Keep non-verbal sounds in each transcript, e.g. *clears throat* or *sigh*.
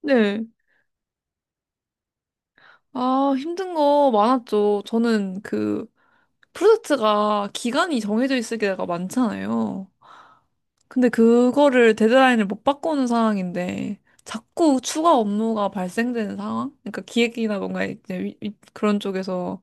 네. 아, 힘든 거 많았죠. 저는 그 프로젝트가 기간이 정해져 있을 때가 많잖아요. 근데 그거를 데드라인을 못 바꾸는 상황인데 자꾸 추가 업무가 발생되는 상황? 그러니까 기획이나 뭔가 이제 그런 쪽에서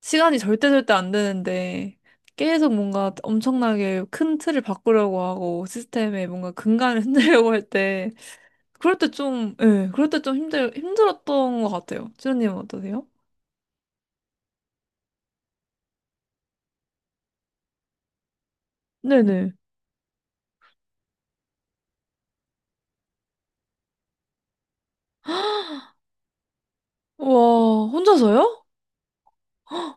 시간이 절대 절대 안 되는데 계속 뭔가 엄청나게 큰 틀을 바꾸려고 하고 시스템에 뭔가 근간을 *laughs* 흔들려고 할 때 그럴 때 좀, 예, 그럴 때 좀 힘들었던 것 같아요. 지연님은 어떠세요? 네네. 와, 혼자서요?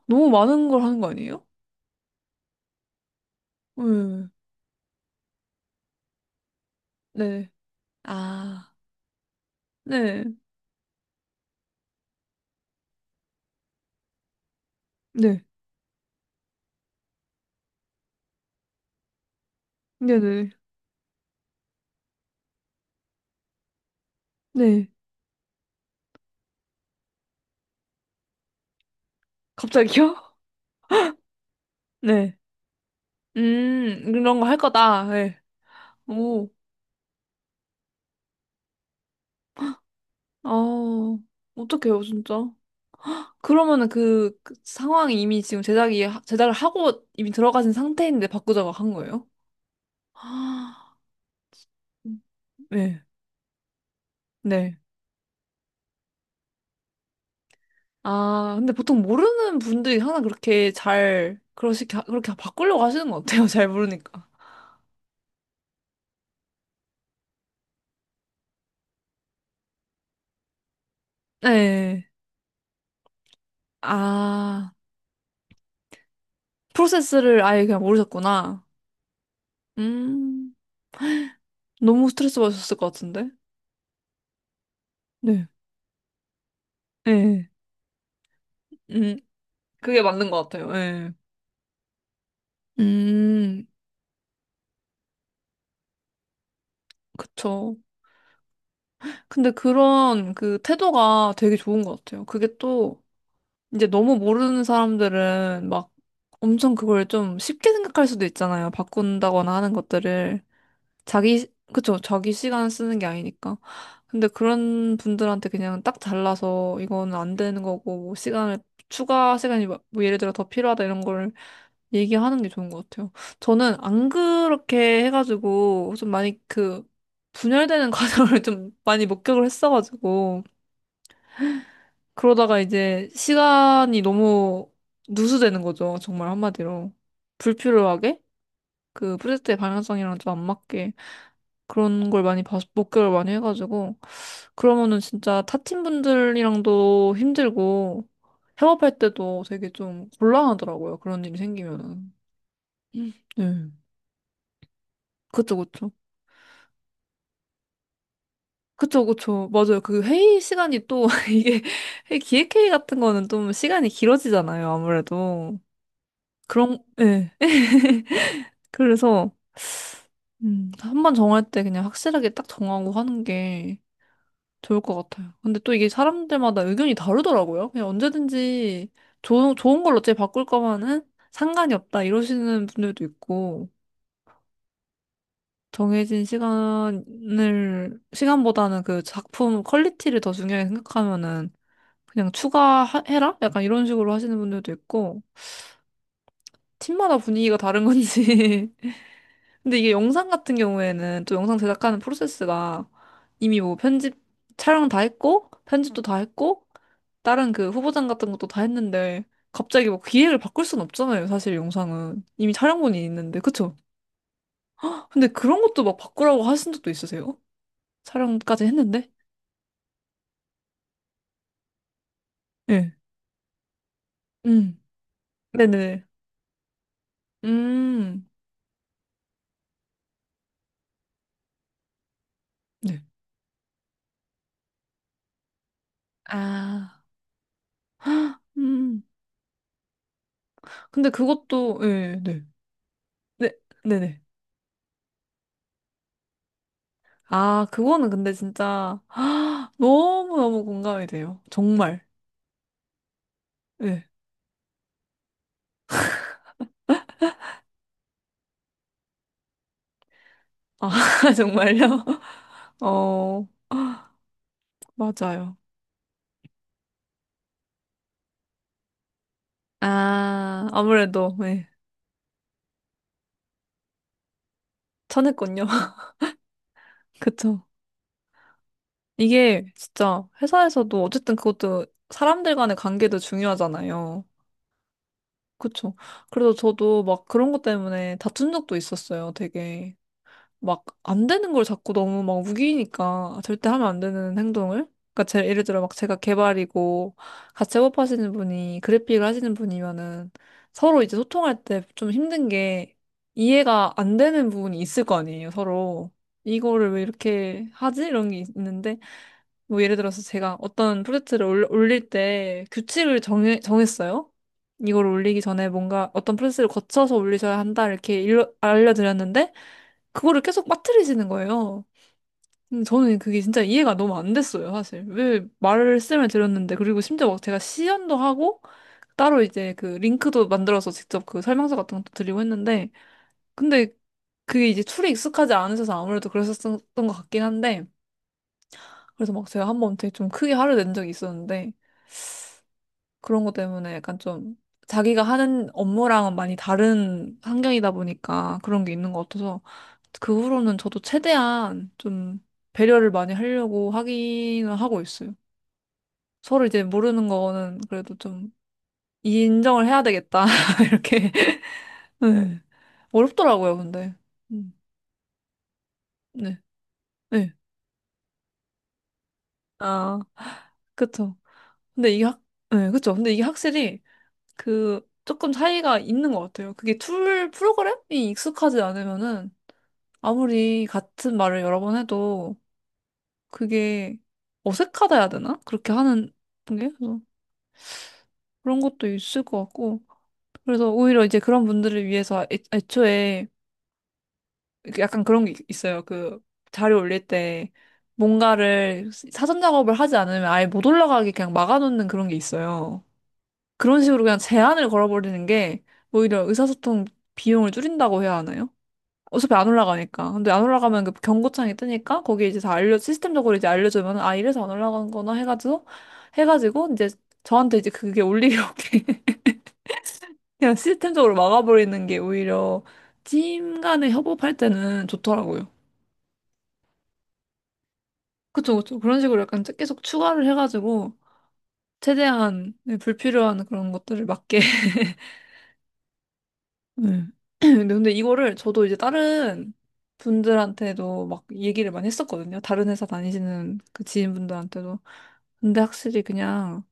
너무 많은 걸 하는 거 아니에요? 네. 네. 아, 네. 네. 네네. 네. 갑자기요? *laughs* 네. 이런 거 할 거다. 네. 오, 아, 어떡해요, 진짜. 그러면은 그, 그 상황이 이미 지금 제작을 하고 이미 들어가신 상태인데 바꾸자고 한 거예요? *gasps* 아, 네. 네. 아, 근데 보통 모르는 분들이 항상 그렇게 잘, 그렇게 바꾸려고 하시는 것 같아요. *laughs* 잘 모르니까. 네. 아, 프로세스를 아예 그냥 모르셨구나. 음, 너무 스트레스 받으셨을 것 같은데? 네. 네. 음, 그게 맞는 것 같아요. 네. 음, 그쵸. 근데 그런 그 태도가 되게 좋은 것 같아요. 그게 또, 이제 너무 모르는 사람들은 막 엄청 그걸 좀 쉽게 생각할 수도 있잖아요. 바꾼다거나 하는 것들을. 자기, 그쵸, 자기 시간 쓰는 게 아니니까. 근데 그런 분들한테 그냥 딱 잘라서 이거는 안 되는 거고, 뭐 시간을, 추가 시간이 뭐 뭐 예를 들어 더 필요하다 이런 걸 얘기하는 게 좋은 것 같아요. 저는 안 그렇게 해가지고 좀 많이 그 분열되는 *laughs* 과정을 좀 많이 목격을 했어가지고 그러다가 이제 시간이 너무 누수되는 거죠. 정말 한마디로. 불필요하게? 그 프로젝트의 방향성이랑 좀 안 맞게. 그런 걸 많이 봐서 목격을 많이 해가지고 그러면은 진짜 타팀 분들이랑도 힘들고 협업할 때도 되게 좀 곤란하더라고요. 그런 일이 생기면은. 음. 네. 그쵸, 그쵸. 그쵸, 그쵸. 맞아요. 그 회의 시간이 또 *laughs* 이게 회의 기획회의 같은 거는 좀 시간이 길어지잖아요. 아무래도. 그런, 예. 그래서 한 번 정할 때 그냥 확실하게 딱 정하고 하는 게 좋을 것 같아요. 근데 또 이게 사람들마다 의견이 다르더라고요. 그냥 언제든지 좋은 걸로 어차피 바꿀 거면은 상관이 없다 이러시는 분들도 있고, 정해진 시간보다는 그 작품 퀄리티를 더 중요하게 생각하면은 그냥 추가해라? 약간 이런 식으로 하시는 분들도 있고, 팀마다 분위기가 다른 건지. *laughs* 근데 이게 영상 같은 경우에는 또 영상 제작하는 프로세스가 이미 뭐 편집, 촬영 다 했고, 편집도 다 했고, 다른 그 후보장 같은 것도 다 했는데 갑자기 뭐 기획을 바꿀 순 없잖아요. 사실 영상은 이미 촬영본이 있는데 그쵸? 근데 그런 것도 막 바꾸라고 하신 적도 있으세요? 촬영까지 했는데? 네. 음. 네네. 음. 네. 아. 음. 근데 그것도 예, 네. 네. 네네. 아, 그거는 근데 진짜 *gasps* 너무너무 공감이 돼요. 정말. 예. 아, *laughs* 정말요? *laughs* 어. *gasps* 맞아요. 아, 아무래도, 예. 쳐냈군요. *laughs* 그쵸. 이게 진짜 회사에서도 어쨌든 그것도 사람들 간의 관계도 중요하잖아요. 그쵸. 그래서 저도 막 그런 것 때문에 다툰 적도 있었어요, 되게. 막 안 되는 걸 자꾸 너무 막 우기니까 절대 하면 안 되는 행동을 그러니까 제, 예를 들어 막 제가 개발이고 같이 협업하시는 분이 그래픽을 하시는 분이면은 서로 이제 소통할 때 좀 힘든 게 이해가 안 되는 부분이 있을 거 아니에요 서로 이거를 왜 이렇게 하지? 이런 게 는데 뭐 예를 들어서 제가 어떤 프로젝트를 올릴 때 규칙을 정했어요 이걸 올리기 전에 뭔가 어떤 프로세스를 거쳐서 올리셔야 한다 이렇게 알려드렸는데 그거를 계속 빠뜨리시는 거예요. 근데 저는 그게 진짜 이해가 너무 안 됐어요, 사실. 왜 말씀을 드렸는데, 그리고 심지어 막 제가 시연도 하고, 따로 이제 그 링크도 만들어서 직접 그 설명서 같은 것도 드리고 했는데, 근데 그게 이제 툴이 익숙하지 않으셔서 아무래도 그러셨던 것 같긴 한데, 그래서 막 제가 한 번 되게 좀 크게 화를 낸 적이 있었는데, 그런 것 때문에 약간 좀 자기가 하는 업무랑은 많이 다른 환경이다 보니까 그런 게 있는 것 같아서 그 후로는 저도 최대한 좀 배려를 많이 하려고 하기는 하고 있어요. 서로 이제 모르는 거는 그래도 좀 인정을 해야 되겠다. *laughs* 이렇게. 네. 어렵더라고요, 근데. 음, 네. 네. 아, 그쵸. 근데 이게 확, 네, 그쵸. 근데 이게 확실히 그 조금 차이가 있는 것 같아요. 그게 툴 프로그램이 익숙하지 않으면은 아무리 같은 말을 여러 번 해도 그게 어색하다 해야 되나? 그렇게 하는 게? 그래서 그런 것도 있을 것 같고. 그래서 오히려 이제 그런 분들을 위해서 애초에 약간 그런 게 있어요. 그 자료 올릴 때 뭔가를 사전 작업을 하지 않으면 아예 못 올라가게 그냥 막아놓는 그런 게 있어요. 그런 식으로 그냥 제한을 걸어버리는 게 오히려 의사소통 비용을 줄인다고 해야 하나요? 어차피 안 올라가니까. 근데 안 올라가면 그 경고창이 뜨니까 거기 이제 다 알려, 시스템적으로 이제 알려주면, 아, 이래서 안 올라간 거나 해가지고, 이제 저한테 이제 그게 올리려게 *laughs* 그냥 시스템적으로 막아버리는 게 오히려 팀 간에 협업할 때는 좋더라고요. 그쵸, 그쵸. 그런 식으로 약간 계속 추가를 해가지고, 최대한 불필요한 그런 것들을 막게 *laughs* 네. *clears throat* 근데 이거를 저도 이제 다른 분들한테도 막 얘기를 많이 했었거든요. 다른 회사 다니시는 그 지인분들한테도. 근데 확실히 그냥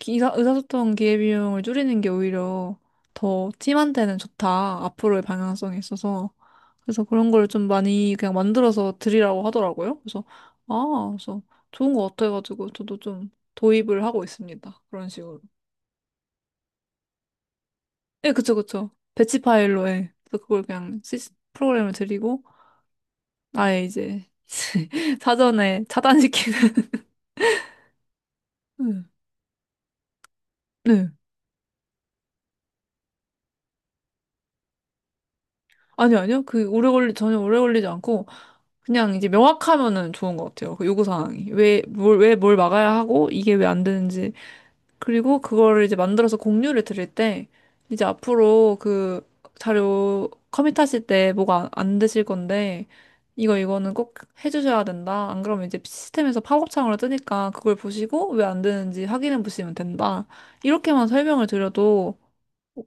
의사소통 기회비용을 줄이는 게 오히려 더 팀한테는 좋다. 앞으로의 방향성에 있어서. 그래서 그런 걸 좀 많이 그냥 만들어서 드리라고 하더라고요. 그래서, 아, 그래서 좋은 것 같아가지고 저도 좀 도입을 하고 있습니다. 그런 식으로. 예, 그쵸, 그쵸. 배치 파일로, 예. 그래서 그걸 그냥 프로그램을 드리고, 아예 이제 *laughs* 사전에 차단시키는. 음, 네. 아니, 아니요. 그, 전혀 오래 걸리지 않고, 그냥 이제 명확하면은 좋은 것 같아요. 그 요구사항이. 왜, 뭘, 왜 뭘 막아야 하고, 이게 왜 안 되는지 그리고 그거를 이제 만들어서 공유를 드릴 때 이제 앞으로 그 자료 커밋하실 때 뭐가 안 되실 건데 이거는 꼭 해주셔야 된다. 안 그러면 이제 시스템에서 팝업창으로 뜨니까 그걸 보시고 왜 안 되는지 확인해 보시면 된다. 이렇게만 설명을 드려도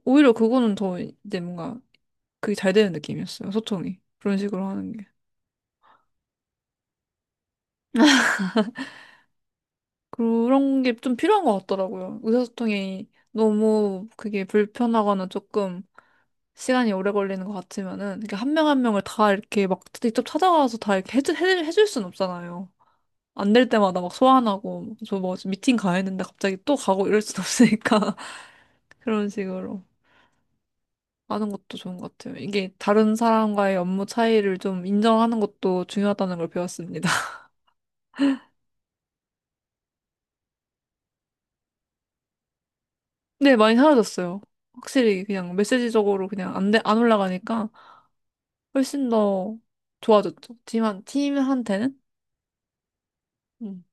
오히려 그거는 더 이제 뭔가 그게 잘 되는 느낌이었어요. 소통이. 그런 식으로 하는 게. 그런 게 좀 필요한 것 같더라고요. 의사소통이 너무 그게 불편하거나 조금 시간이 오래 걸리는 것 같으면은 이렇게 한 명 한 명을 다 이렇게 막 직접 찾아가서 다 이렇게 해줄 순 없잖아요. 안 될 때마다 막 소환하고 저 뭐 미팅 가야 했는데 갑자기 또 가고 이럴 순 없으니까 *laughs* 그런 식으로 하는 것도 좋은 것 같아요. 이게 다른 사람과의 업무 차이를 좀 인정하는 것도 중요하다는 걸 배웠습니다. *laughs* 네, 많이 사라졌어요. 확실히 그냥 메시지적으로 그냥 안 올라가니까 훨씬 더 좋아졌죠. 팀한테는? 음.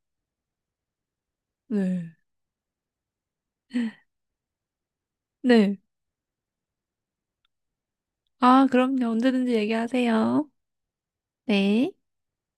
네. 네. 아, 그럼요. 언제든지 얘기하세요. 네.